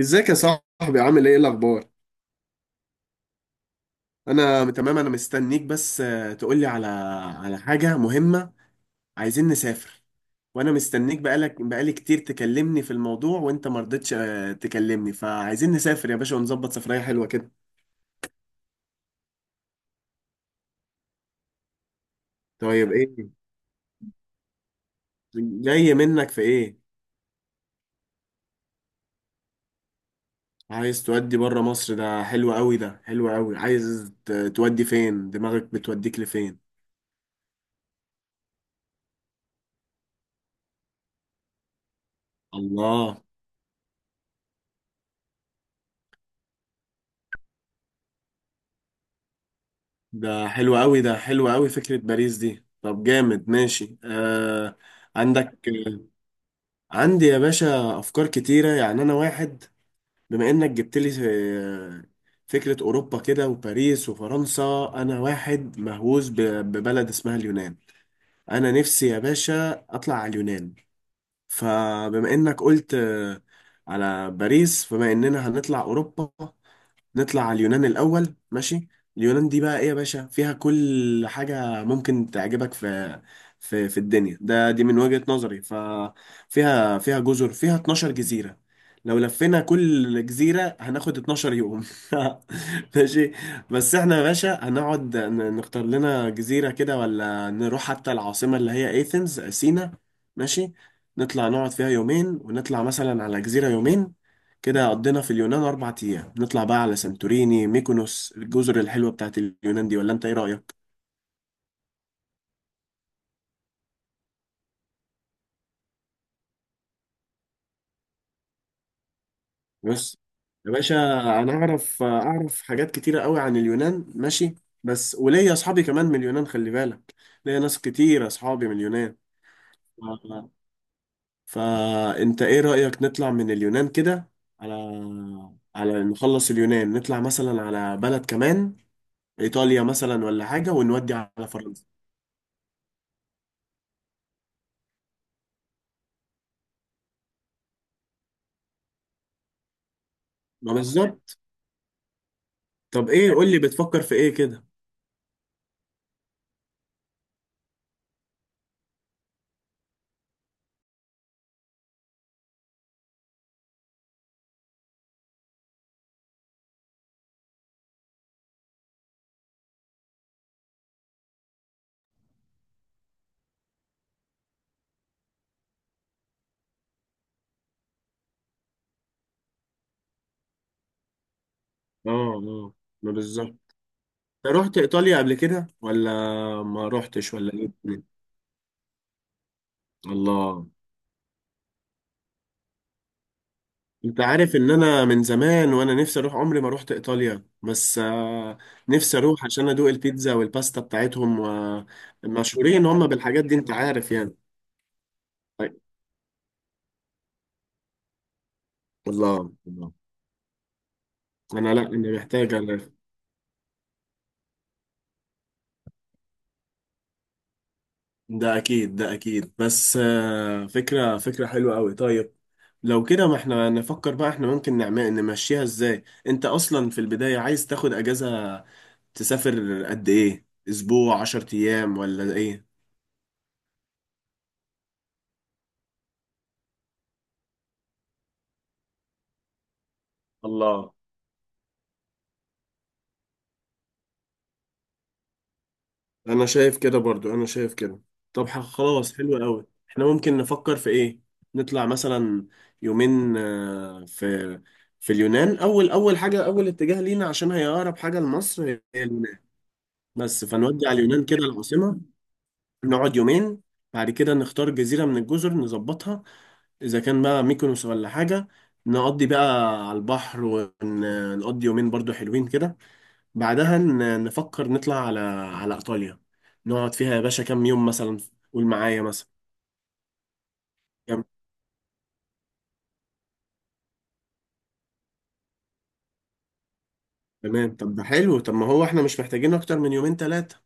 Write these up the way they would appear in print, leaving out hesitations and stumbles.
ازيك يا صاحبي، عامل ايه الاخبار؟ انا تمام. انا مستنيك بس تقولي على حاجه مهمه. عايزين نسافر. وانا مستنيك بقالي كتير تكلمني في الموضوع وانت ما رضيتش، تكلمني. فعايزين نسافر يا باشا، ونظبط سفريه حلوه كده. طيب ايه؟ جاي منك في ايه؟ عايز تودي بره مصر. ده حلو قوي، ده حلو قوي. عايز تودي فين؟ دماغك بتوديك لفين؟ الله. ده حلو قوي، ده حلو قوي. فكرة باريس دي طب جامد. ماشي. عندك عندي يا باشا أفكار كتيرة. يعني أنا واحد، بما إنك جبت لي فكرة أوروبا كده وباريس وفرنسا، أنا واحد مهووس ببلد اسمها اليونان. أنا نفسي يا باشا أطلع على اليونان. فبما إنك قلت على باريس، فبما إننا هنطلع أوروبا، نطلع على اليونان الأول. ماشي. اليونان دي بقى إيه يا باشا؟ فيها كل حاجة ممكن تعجبك في في الدنيا، دي من وجهة نظري. ففيها جزر، فيها 12 جزيرة. لو لفينا كل جزيرة هناخد 12 يوم. ماشي. بس احنا يا باشا هنقعد نختار لنا جزيرة كده، ولا نروح حتى العاصمة اللي هي ايثنز سينا. ماشي. نطلع نقعد فيها يومين ونطلع مثلا على جزيرة يومين. كده قضينا في اليونان أربع أيام. نطلع بقى على سانتوريني، ميكونوس، الجزر الحلوة بتاعت اليونان دي. ولا أنت إيه رأيك؟ بص يا باشا، أنا أعرف حاجات كتيرة قوي عن اليونان. ماشي. بس وليا أصحابي كمان من اليونان، خلي بالك، ليا ناس كتير أصحابي من اليونان. ف- فأنت إيه رأيك، نطلع من اليونان كده على نخلص اليونان، نطلع مثلا على بلد كمان، إيطاليا مثلا ولا حاجة، ونودي على فرنسا. ما بالظبط. طب إيه؟ قول لي بتفكر في إيه كده؟ اه اه، ما بالظبط. انت رحت ايطاليا قبل كده ولا ما رحتش ولا ايه؟ الله. انت عارف ان انا من زمان وانا نفسي اروح، عمري ما رحت ايطاليا، بس نفسي اروح عشان ادوق البيتزا والباستا بتاعتهم. ومشهورين هم بالحاجات دي انت عارف يعني. طيب. الله الله. انا لا انا محتاج. ده اكيد، ده اكيد، بس فكره، فكره حلوه قوي. طيب. لو كده ما احنا نفكر بقى، احنا ممكن نعمل نمشيها ازاي؟ انت اصلا في البدايه عايز تاخد اجازه تسافر قد ايه؟ اسبوع، عشر ايام، ولا ايه؟ الله. انا شايف كده برضو، انا شايف كده. طب خلاص حلو قوي. احنا ممكن نفكر في ايه، نطلع مثلا يومين في اليونان. اول، اول حاجه، اول اتجاه لينا عشان هي اقرب حاجه لمصر هي اليونان. بس فنودي على اليونان كده، العاصمة. نقعد يومين. بعد كده نختار جزيرة من الجزر، نظبطها إذا كان بقى ميكونوس ولا حاجة. نقضي بقى على البحر ونقضي يومين برضو حلوين كده. بعدها نفكر نطلع على إيطاليا. نقعد فيها يا باشا كام يوم مثلا؟ قول معايا مثلا كام. تمام، طب ده حلو. طب ما هو احنا مش محتاجين أكتر من يومين تلاتة.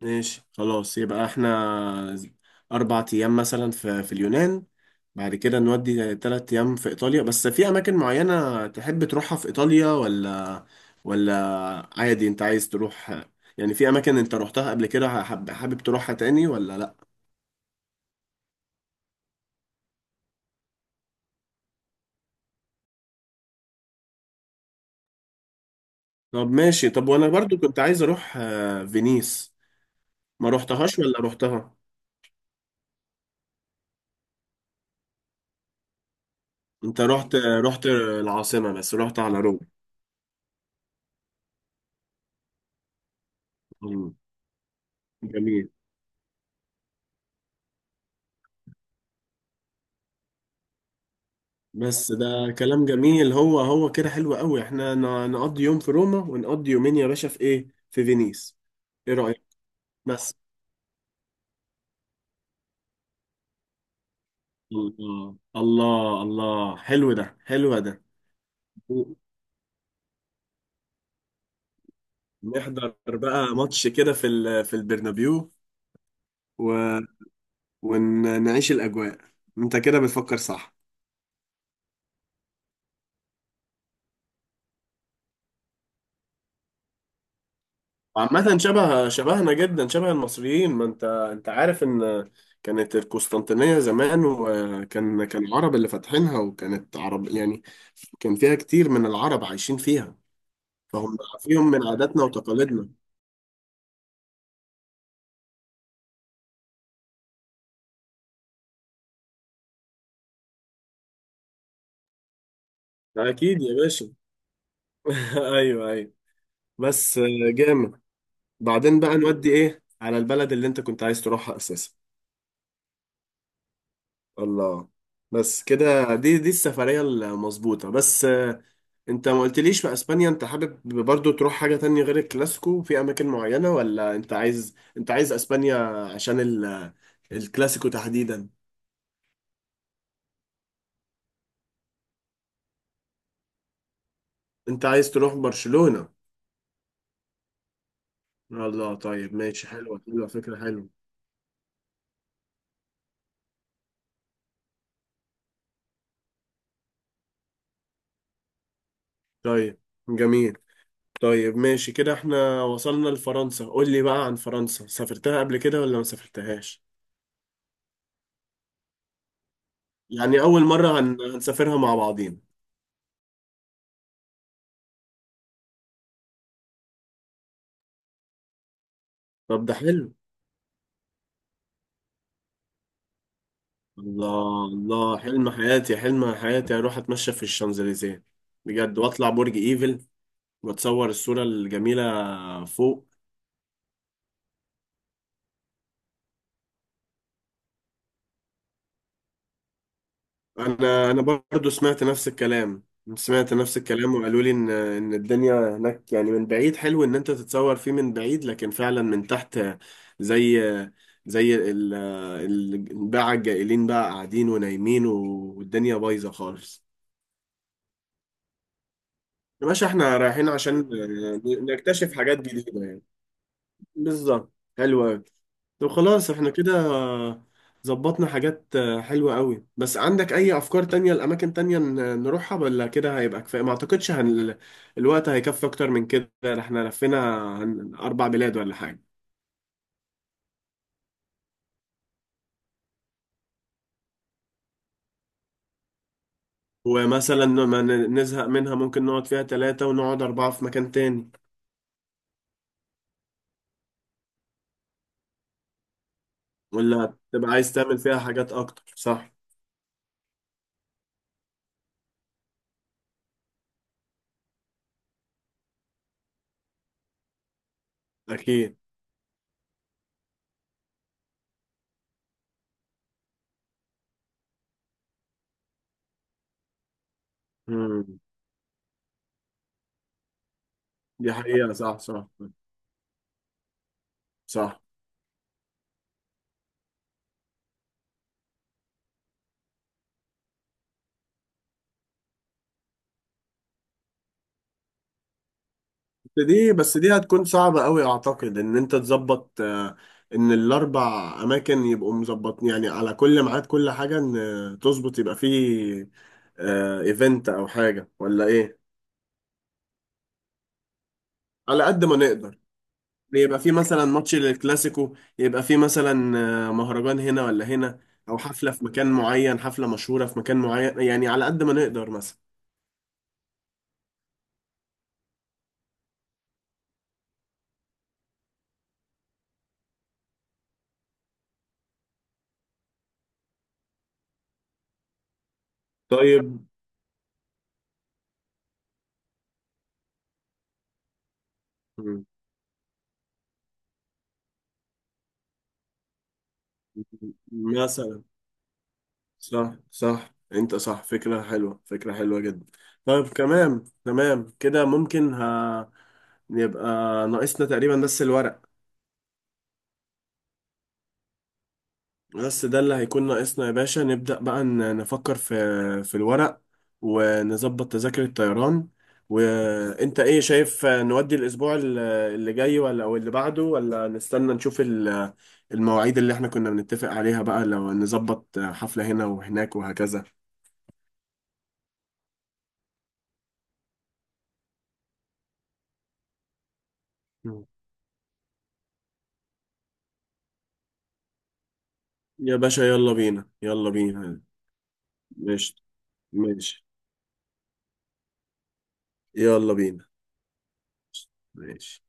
ماشي خلاص. يبقى احنا أربع أيام مثلا في اليونان، بعد كده نودي تلات أيام في إيطاليا. بس في أماكن معينة تحب تروحها في إيطاليا، ولا ولا عادي؟ أنت عايز تروح، يعني في أماكن أنت روحتها قبل كده حابب تروحها تاني ولا لأ؟ طب ماشي. طب وأنا برضو كنت عايز أروح فينيس. ما روحتهاش ولا روحتها؟ أنت رحت العاصمة بس، رحت على روم. مم. جميل. بس ده كلام جميل. هو هو كده حلو قوي. احنا نقضي يوم في روما ونقضي يومين يا باشا في ايه، في فينيس. ايه رأيك؟ بس. الله الله الله. حلو ده، حلو ده. نحضر بقى ماتش كده في في البرنابيو، و... ونعيش الأجواء. انت كده بتفكر صح. عامة، شبهنا جدا، شبه المصريين. ما انت عارف ان كانت القسطنطينية زمان، وكان العرب اللي فاتحينها، وكانت عرب يعني. كان فيها كتير من العرب عايشين فيها، فهم فيهم من عاداتنا وتقاليدنا. ده اكيد يا باشا. ايوه ايوه. بس جامد. بعدين بقى نودي ايه على البلد اللي انت كنت عايز تروحها اساسا؟ الله. بس كده، دي السفرية المظبوطة بس. انت ما قلتليش، في اسبانيا انت حابب برضو تروح حاجة تانية غير الكلاسيكو في اماكن معينة، ولا انت عايز اسبانيا عشان الكلاسيكو تحديدا؟ انت عايز تروح برشلونة؟ الله طيب ماشي، حلوة، حلوة، فكرة حلوة. طيب جميل. طيب ماشي كده، احنا وصلنا لفرنسا. قول لي بقى عن فرنسا، سافرتها قبل كده ولا ما سافرتهاش؟ يعني اول مرة هنسافرها مع بعضين. طب ده حلو. الله الله. حلم حياتي، حلم حياتي، اروح اتمشى في الشانزليزيه بجد، واطلع برج ايفل واتصور الصوره الجميله فوق. انا برضو سمعت نفس الكلام، سمعت نفس الكلام، وقالوا لي ان الدنيا هناك يعني من بعيد حلو ان انت تتصور فيه من بعيد، لكن فعلا من تحت، زي زي الباعة الجائلين بقى قاعدين ونايمين والدنيا بايظه خالص. يا باشا احنا رايحين عشان نكتشف حاجات جديده يعني. بالظبط، حلو قوي. طب خلاص، احنا كده ظبطنا حاجات حلوة قوي. بس عندك اي افكار تانية لاماكن تانية نروحها، ولا كده هيبقى كفاية؟ ما اعتقدش الوقت هيكفي اكتر من كده، احنا لفينا عن اربع بلاد ولا حاجة. ومثلا ما نزهق منها، ممكن نقعد فيها ثلاثة ونقعد اربعة في مكان تاني، ولا تبقى عايز تعمل فيها حاجات اكتر، صح؟ اكيد. مم. دي حقيقة، صح، صح، صح. دي، بس دي هتكون صعبة قوي، اعتقد ان انت تظبط ان الاربع اماكن يبقوا مظبط يعني على كل ميعاد، كل حاجة، ان تظبط يبقى فيه ايفنت او حاجة ولا ايه. على قد ما نقدر، يبقى فيه مثلا ماتش للكلاسيكو، يبقى فيه مثلا مهرجان هنا ولا هنا، او حفلة في مكان معين، حفلة مشهورة في مكان معين، يعني على قد ما نقدر مثلا. طيب. مم. مثلا. صح صح. انت صح، فكرة حلوة، فكرة حلوة جدا. طيب تمام تمام كده، ممكن، ها، يبقى ناقصنا تقريبا بس الورق. بس ده اللي هيكون ناقصنا يا باشا. نبدأ بقى نفكر في الورق، ونظبط تذاكر الطيران. وانت ايه شايف، نودي الاسبوع اللي جاي، ولا او اللي بعده، ولا نستنى نشوف المواعيد اللي احنا كنا بنتفق عليها بقى، لو نظبط حفلة هنا وهناك وهكذا؟ يا باشا يلا بينا، يلا بينا. ماشي. ماشي. يلا بينا. ماشي.